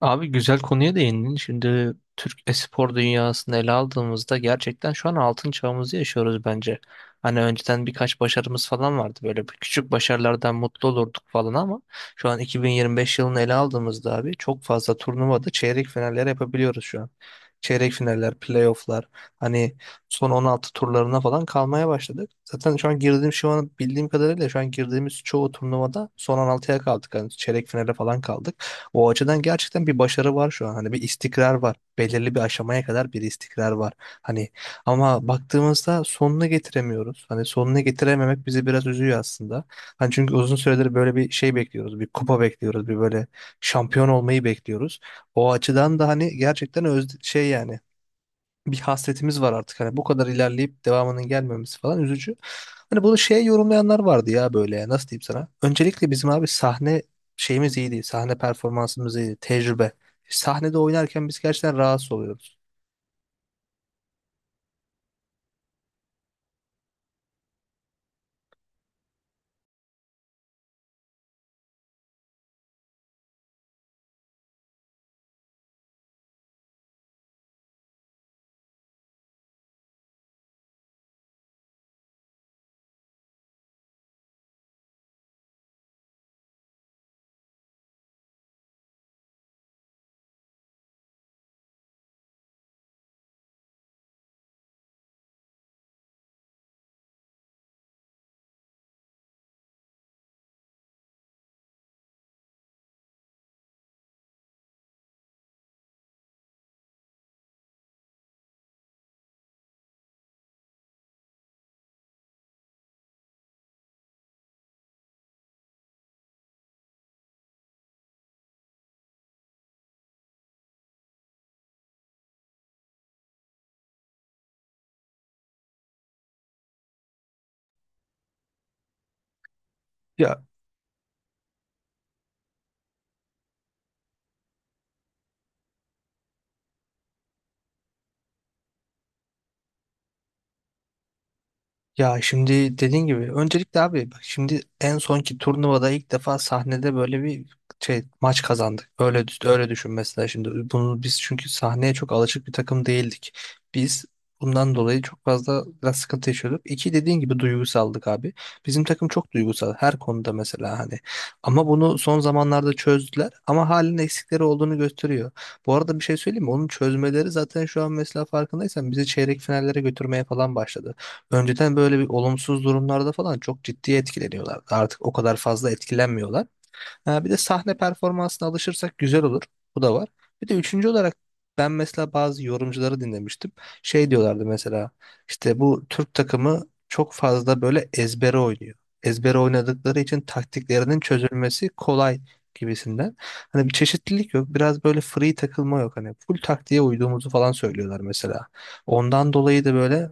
Abi güzel konuya değindin. Şimdi Türk espor dünyasını ele aldığımızda gerçekten şu an altın çağımızı yaşıyoruz bence. Hani önceden birkaç başarımız falan vardı. Böyle bir küçük başarılardan mutlu olurduk falan ama şu an 2025 yılını ele aldığımızda abi çok fazla turnuvada çeyrek finaller yapabiliyoruz şu an. Çeyrek finaller, playofflar, hani son 16 turlarına falan kalmaya başladık. Zaten şu an bildiğim kadarıyla şu an girdiğimiz çoğu turnuvada son 16'ya kaldık. Hani çeyrek finale falan kaldık. O açıdan gerçekten bir başarı var şu an. Hani bir istikrar var. Belirli bir aşamaya kadar bir istikrar var. Hani ama baktığımızda sonunu getiremiyoruz. Hani sonunu getirememek bizi biraz üzüyor aslında. Hani çünkü uzun süredir böyle bir şey bekliyoruz. Bir kupa bekliyoruz. Bir böyle şampiyon olmayı bekliyoruz. O açıdan da hani gerçekten öz şey yani bir hasretimiz var artık. Hani bu kadar ilerleyip devamının gelmemesi falan üzücü. Hani bunu şeye yorumlayanlar vardı ya, böyle nasıl diyeyim sana. Öncelikle bizim abi sahne şeyimiz iyiydi. Sahne performansımız iyiydi. Tecrübe. Sahnede oynarken biz gerçekten rahatsız oluyoruz. Ya Ya şimdi dediğin gibi öncelikle abi bak, şimdi en sonki turnuvada ilk defa sahnede böyle bir şey maç kazandık. Öyle düşün mesela. Şimdi bunu biz çünkü sahneye çok alışık bir takım değildik. Biz bundan dolayı çok fazla biraz sıkıntı yaşıyorduk. İki, dediğin gibi, duygusaldık abi. Bizim takım çok duygusal her konuda mesela hani. Ama bunu son zamanlarda çözdüler ama halen eksikleri olduğunu gösteriyor. Bu arada bir şey söyleyeyim mi? Onun çözmeleri zaten şu an mesela farkındaysan bizi çeyrek finallere götürmeye falan başladı. Önceden böyle bir olumsuz durumlarda falan çok ciddi etkileniyorlar. Artık o kadar fazla etkilenmiyorlar. Ha, bir de sahne performansına alışırsak güzel olur. Bu da var. Bir de üçüncü olarak ben mesela bazı yorumcuları dinlemiştim. Şey diyorlardı mesela, işte bu Türk takımı çok fazla böyle ezbere oynuyor. Ezbere oynadıkları için taktiklerinin çözülmesi kolay gibisinden. Hani bir çeşitlilik yok. Biraz böyle free takılma yok. Hani full taktiğe uyduğumuzu falan söylüyorlar mesela. Ondan dolayı da böyle.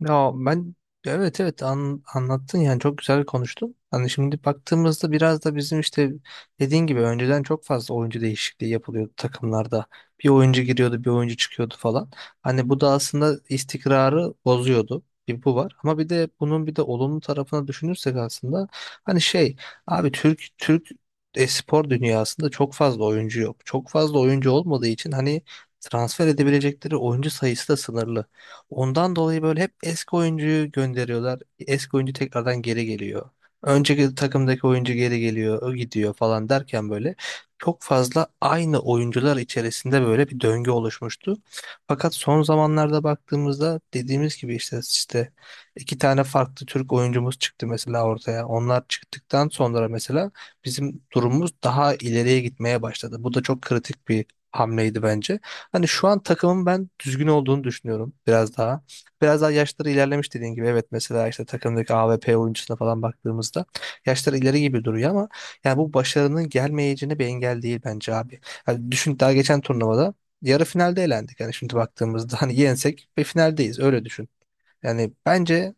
Ya ben, evet evet, anlattın yani çok güzel konuştun. Hani şimdi baktığımızda biraz da bizim işte, dediğin gibi, önceden çok fazla oyuncu değişikliği yapılıyordu takımlarda. Bir oyuncu giriyordu, bir oyuncu çıkıyordu falan. Hani bu da aslında istikrarı bozuyordu. Bir bu var. Ama bir de bunun bir de olumlu tarafına düşünürsek aslında hani şey, abi Türk e-spor dünyasında çok fazla oyuncu yok. Çok fazla oyuncu olmadığı için hani transfer edebilecekleri oyuncu sayısı da sınırlı. Ondan dolayı böyle hep eski oyuncuyu gönderiyorlar. Eski oyuncu tekrardan geri geliyor. Önceki takımdaki oyuncu geri geliyor, o gidiyor falan derken böyle çok fazla aynı oyuncular içerisinde böyle bir döngü oluşmuştu. Fakat son zamanlarda baktığımızda dediğimiz gibi işte iki tane farklı Türk oyuncumuz çıktı mesela ortaya. Onlar çıktıktan sonra mesela bizim durumumuz daha ileriye gitmeye başladı. Bu da çok kritik bir hamleydi bence. Hani şu an takımın ben düzgün olduğunu düşünüyorum biraz daha. Biraz daha yaşları ilerlemiş dediğin gibi. Evet mesela işte takımdaki AVP oyuncusuna falan baktığımızda yaşları ileri gibi duruyor ama yani bu başarının gelmeyeceğine bir engel değil bence abi. Hani düşün, daha geçen turnuvada yarı finalde elendik. Yani şimdi baktığımızda hani yensek bir finaldeyiz, öyle düşün. Yani bence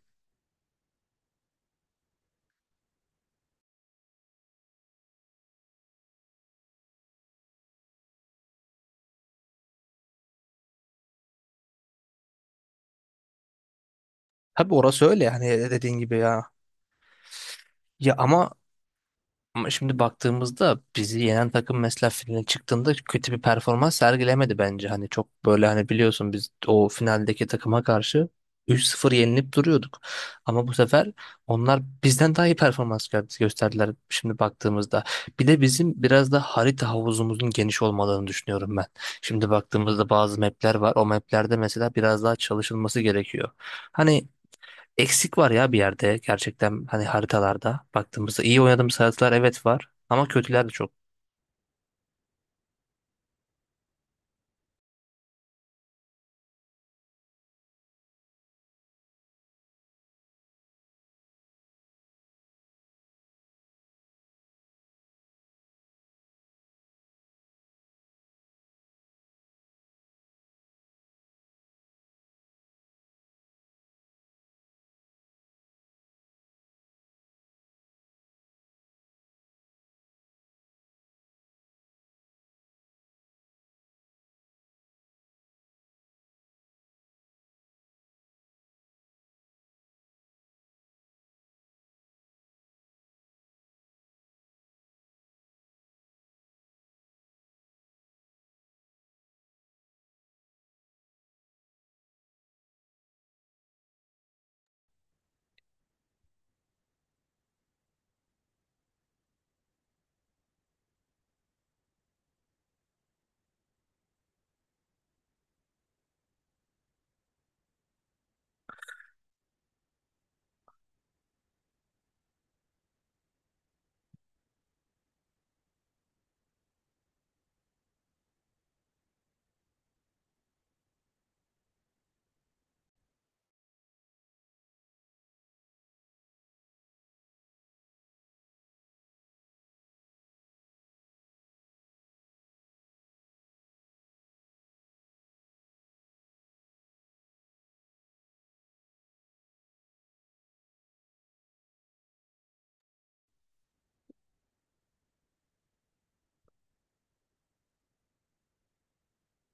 tabii orası öyle yani, dediğin gibi ya. Ya ama şimdi baktığımızda bizi yenen takım mesela finale çıktığında kötü bir performans sergilemedi bence. Hani çok böyle hani biliyorsun, biz o finaldeki takıma karşı 3-0 yenilip duruyorduk. Ama bu sefer onlar bizden daha iyi performans gösterdiler şimdi baktığımızda. Bir de bizim biraz da harita havuzumuzun geniş olmalarını düşünüyorum ben. Şimdi baktığımızda bazı mapler var. O maplerde mesela biraz daha çalışılması gerekiyor. Hani eksik var ya bir yerde, gerçekten hani haritalarda baktığımızda iyi oynadığımız haritalar evet var ama kötüler de çok.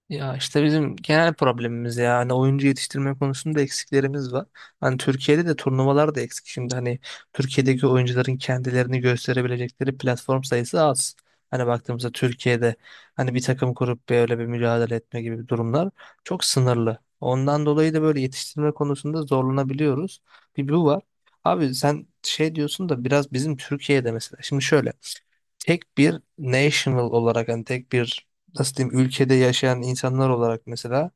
Ya işte bizim genel problemimiz ya. Hani oyuncu yetiştirme konusunda eksiklerimiz var. Hani Türkiye'de de turnuvalar da eksik. Şimdi hani Türkiye'deki oyuncuların kendilerini gösterebilecekleri platform sayısı az. Hani baktığımızda Türkiye'de hani bir takım kurup böyle bir mücadele etme gibi durumlar çok sınırlı. Ondan dolayı da böyle yetiştirme konusunda zorlanabiliyoruz. Bir bu var. Abi sen şey diyorsun da biraz bizim Türkiye'de mesela. Şimdi şöyle, tek bir national olarak, hani tek bir, nasıl diyeyim, ülkede yaşayan insanlar olarak mesela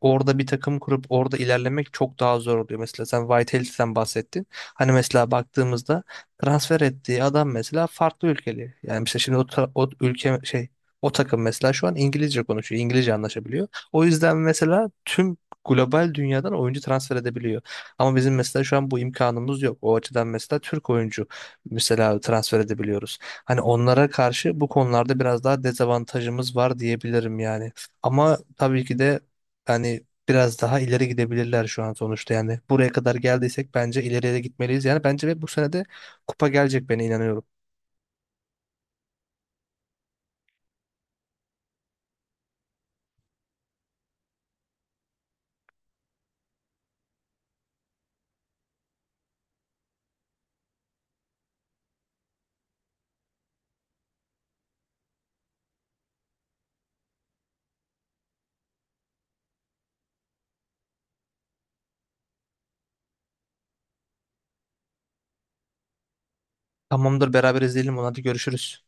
orada bir takım kurup orada ilerlemek çok daha zor oluyor. Mesela sen Vitaly'den bahsettin. Hani mesela baktığımızda transfer ettiği adam mesela farklı ülkeli. Yani mesela şimdi o, o ülke şey, o takım mesela şu an İngilizce konuşuyor. İngilizce anlaşabiliyor. O yüzden mesela tüm global dünyadan oyuncu transfer edebiliyor. Ama bizim mesela şu an bu imkanımız yok. O açıdan mesela Türk oyuncu mesela transfer edebiliyoruz. Hani onlara karşı bu konularda biraz daha dezavantajımız var diyebilirim yani. Ama tabii ki de hani biraz daha ileri gidebilirler şu an sonuçta yani. Buraya kadar geldiysek bence ileriye de gitmeliyiz. Yani bence ve bu sene de kupa gelecek, ben inanıyorum. Tamamdır, beraber izleyelim onu, hadi görüşürüz.